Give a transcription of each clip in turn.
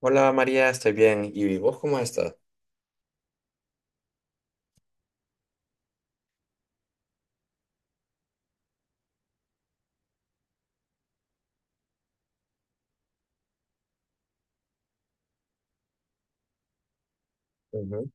Hola María, estoy bien. ¿Y vos cómo estás? Ujú.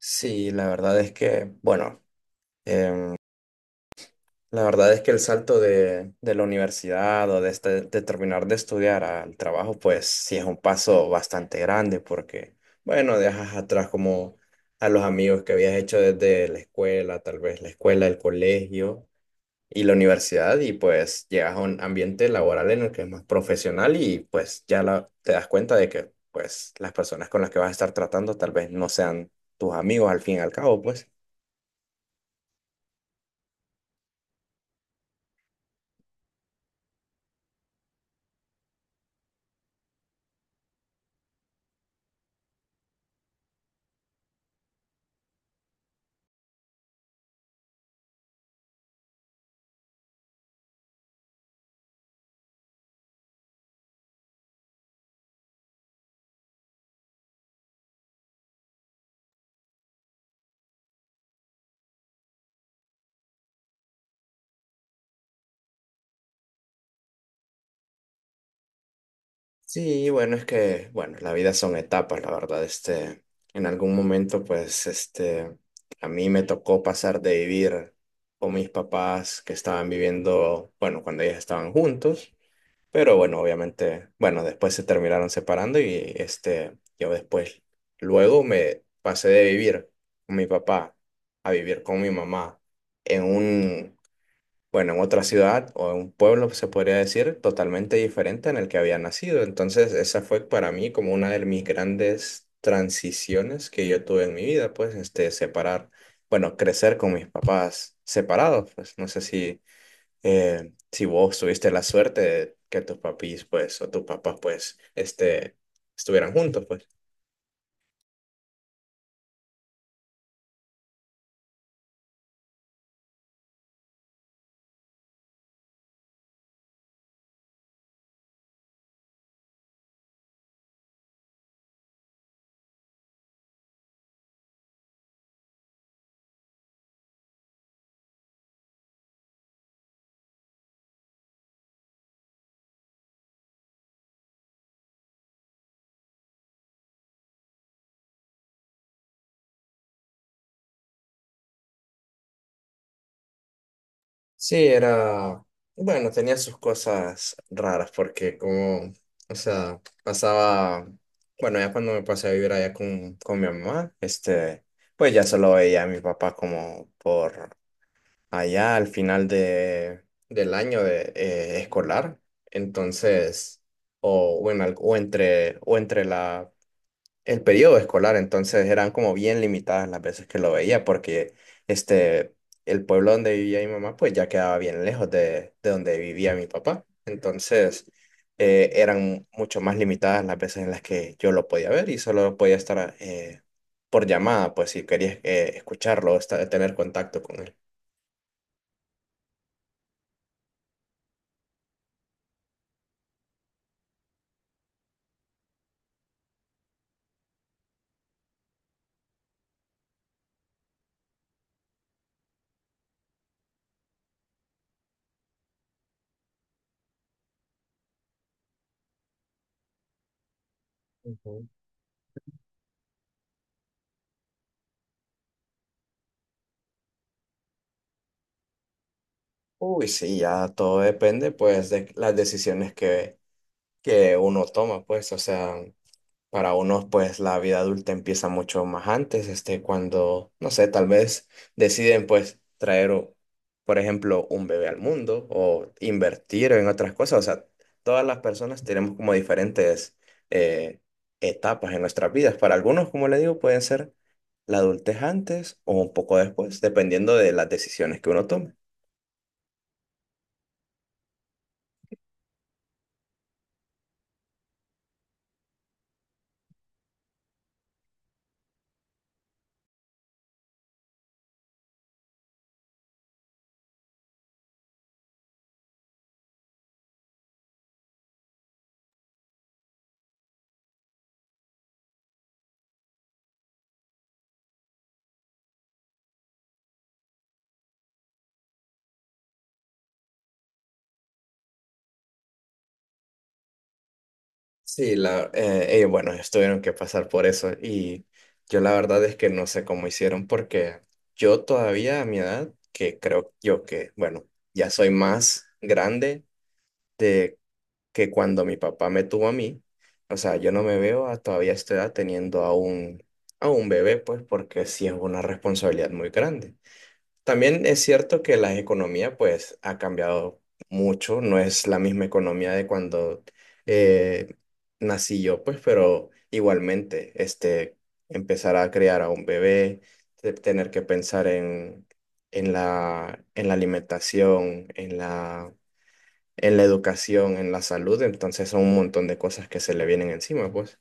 Sí, la verdad es que, bueno, em, la verdad es que el salto de la universidad o de, de terminar de estudiar al trabajo, pues sí es un paso bastante grande porque, bueno, dejas atrás como a los amigos que habías hecho desde la escuela, tal vez la escuela, el colegio y la universidad, y pues llegas a un ambiente laboral en el que es más profesional, y pues ya te das cuenta de que pues las personas con las que vas a estar tratando tal vez no sean tus amigos al fin y al cabo, pues. Sí, bueno, es que, bueno, la vida son etapas, la verdad, este, en algún momento pues este, a mí me tocó pasar de vivir con mis papás que estaban viviendo, bueno, cuando ellos estaban juntos. Pero bueno, obviamente, bueno, después se terminaron separando y este, yo después, luego me pasé de vivir con mi papá a vivir con mi mamá en un, bueno, en otra ciudad o en un pueblo, se podría decir, totalmente diferente en el que había nacido. Entonces, esa fue para mí como una de mis grandes transiciones que yo tuve en mi vida, pues, este, separar, bueno, crecer con mis papás separados, pues, no sé si si vos tuviste la suerte de que tus papis, pues, o tus papás, pues, este, estuvieran juntos, pues. Sí, era, bueno, tenía sus cosas raras porque como, o sea, pasaba, bueno, ya cuando me pasé a vivir allá con mi mamá, este, pues ya solo veía a mi papá como por allá al final de, del año de, escolar. Entonces, o en, o entre la el periodo escolar, entonces eran como bien limitadas las veces que lo veía, porque este, el pueblo donde vivía mi mamá, pues ya quedaba bien lejos de donde vivía mi papá. Entonces, eran mucho más limitadas las veces en las que yo lo podía ver, y solo podía estar por llamada, pues si quería escucharlo, tener contacto con él. Ujú. Uy, sí, ya todo depende pues de las decisiones que uno toma, pues, o sea. Para unos, pues la vida adulta empieza mucho más antes, este, cuando, no sé, tal vez deciden, pues, traer, por ejemplo, un bebé al mundo o invertir en otras cosas. O sea, todas las personas tenemos como diferentes eh, etapas en nuestras vidas. Para algunos, como le digo, pueden ser la adultez antes o un poco después, dependiendo de las decisiones que uno tome. Sí, la, ellos, bueno, ellos tuvieron que pasar por eso, y yo la verdad es que no sé cómo hicieron porque yo todavía a mi edad, que creo yo que, bueno, ya soy más grande de que cuando mi papá me tuvo a mí, o sea, yo no me veo a todavía a esta edad teniendo a un bebé, pues porque sí es una responsabilidad muy grande. También es cierto que la economía pues ha cambiado mucho, no es la misma economía de cuando eh, nací yo, pues, pero igualmente, este, empezar a criar a un bebé, tener que pensar en la alimentación, en la educación, en la salud, entonces son un montón de cosas que se le vienen encima, pues.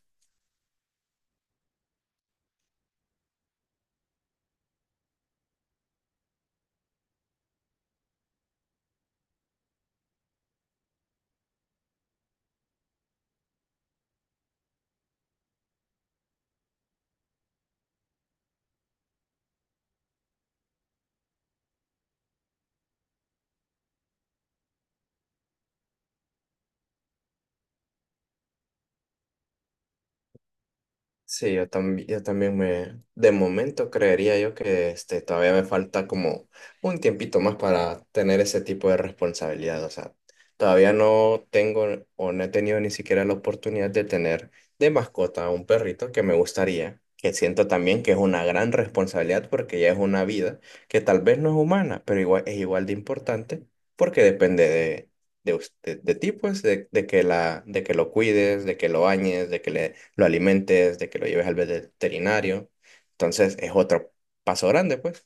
Sí, yo también me, de momento creería yo que este, todavía me falta como un tiempito más para tener ese tipo de responsabilidad. O sea, todavía no tengo o no he tenido ni siquiera la oportunidad de tener de mascota a un perrito que me gustaría, que siento también que es una gran responsabilidad porque ya es una vida que tal vez no es humana, pero igual, es igual de importante porque depende de usted, de ti, pues, de que la, de que lo cuides, de que lo bañes, de que le lo alimentes, de que lo lleves al veterinario. Entonces es otro paso grande, pues.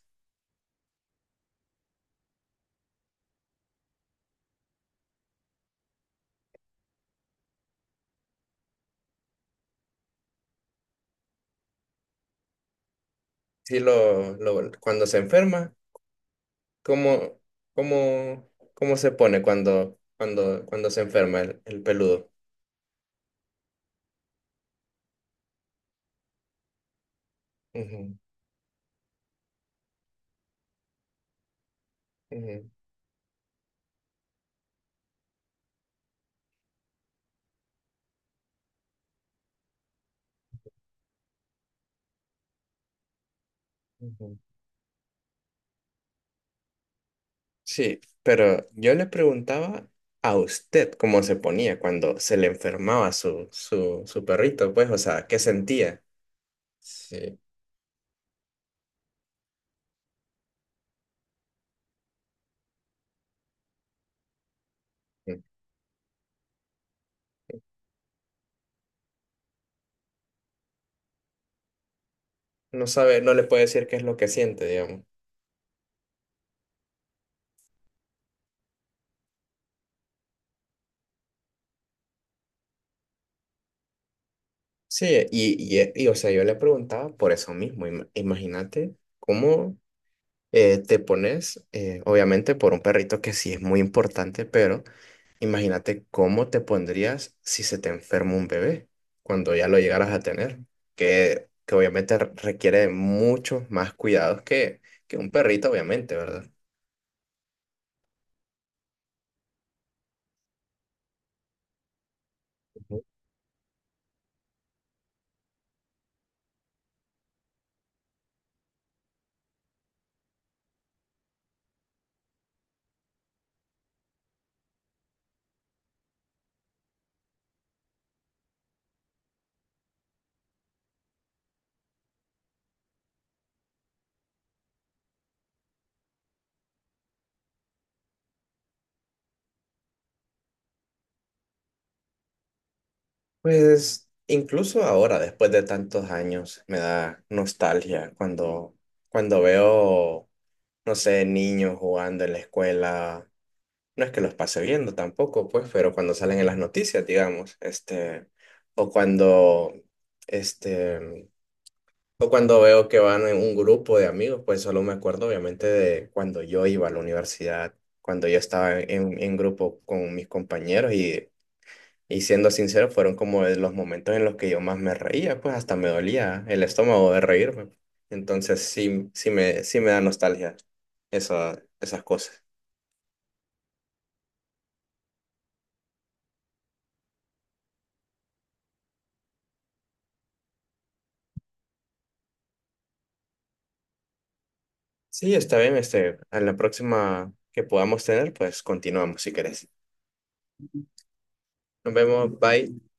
Si lo, cuando se enferma, ¿cómo, cómo, cómo se pone cuando, cuando, cuando se enferma el peludo? Ujú, ujú, ujú. Sí, pero yo le preguntaba a usted cómo se ponía cuando se le enfermaba su, su, su perrito, pues, o sea, ¿qué sentía? Sí. No sabe, no le puede decir qué es lo que siente, digamos. Sí, y, o sea, yo le preguntaba por eso mismo. Imagínate cómo te pones, obviamente por un perrito que sí es muy importante, pero imagínate cómo te pondrías si se te enferma un bebé cuando ya lo llegaras a tener, que obviamente requiere de muchos más cuidados que un perrito, obviamente, ¿verdad? Ujú. Pues incluso ahora, después de tantos años, me da nostalgia cuando, cuando veo no sé, niños jugando en la escuela. No es que los pase viendo tampoco, pues, pero cuando salen en las noticias, digamos, o cuando, este, o cuando veo que van en un grupo de amigos, pues solo me acuerdo obviamente de cuando yo iba a la universidad, cuando yo estaba en grupo con mis compañeros, y siendo sincero, fueron como de los momentos en los que yo más me reía, pues hasta me dolía el estómago de reírme. Entonces sí, sí me da nostalgia esa, esas cosas. Sí, está bien, este, a la próxima que podamos tener, pues continuamos si querés. Nos vemos, bye.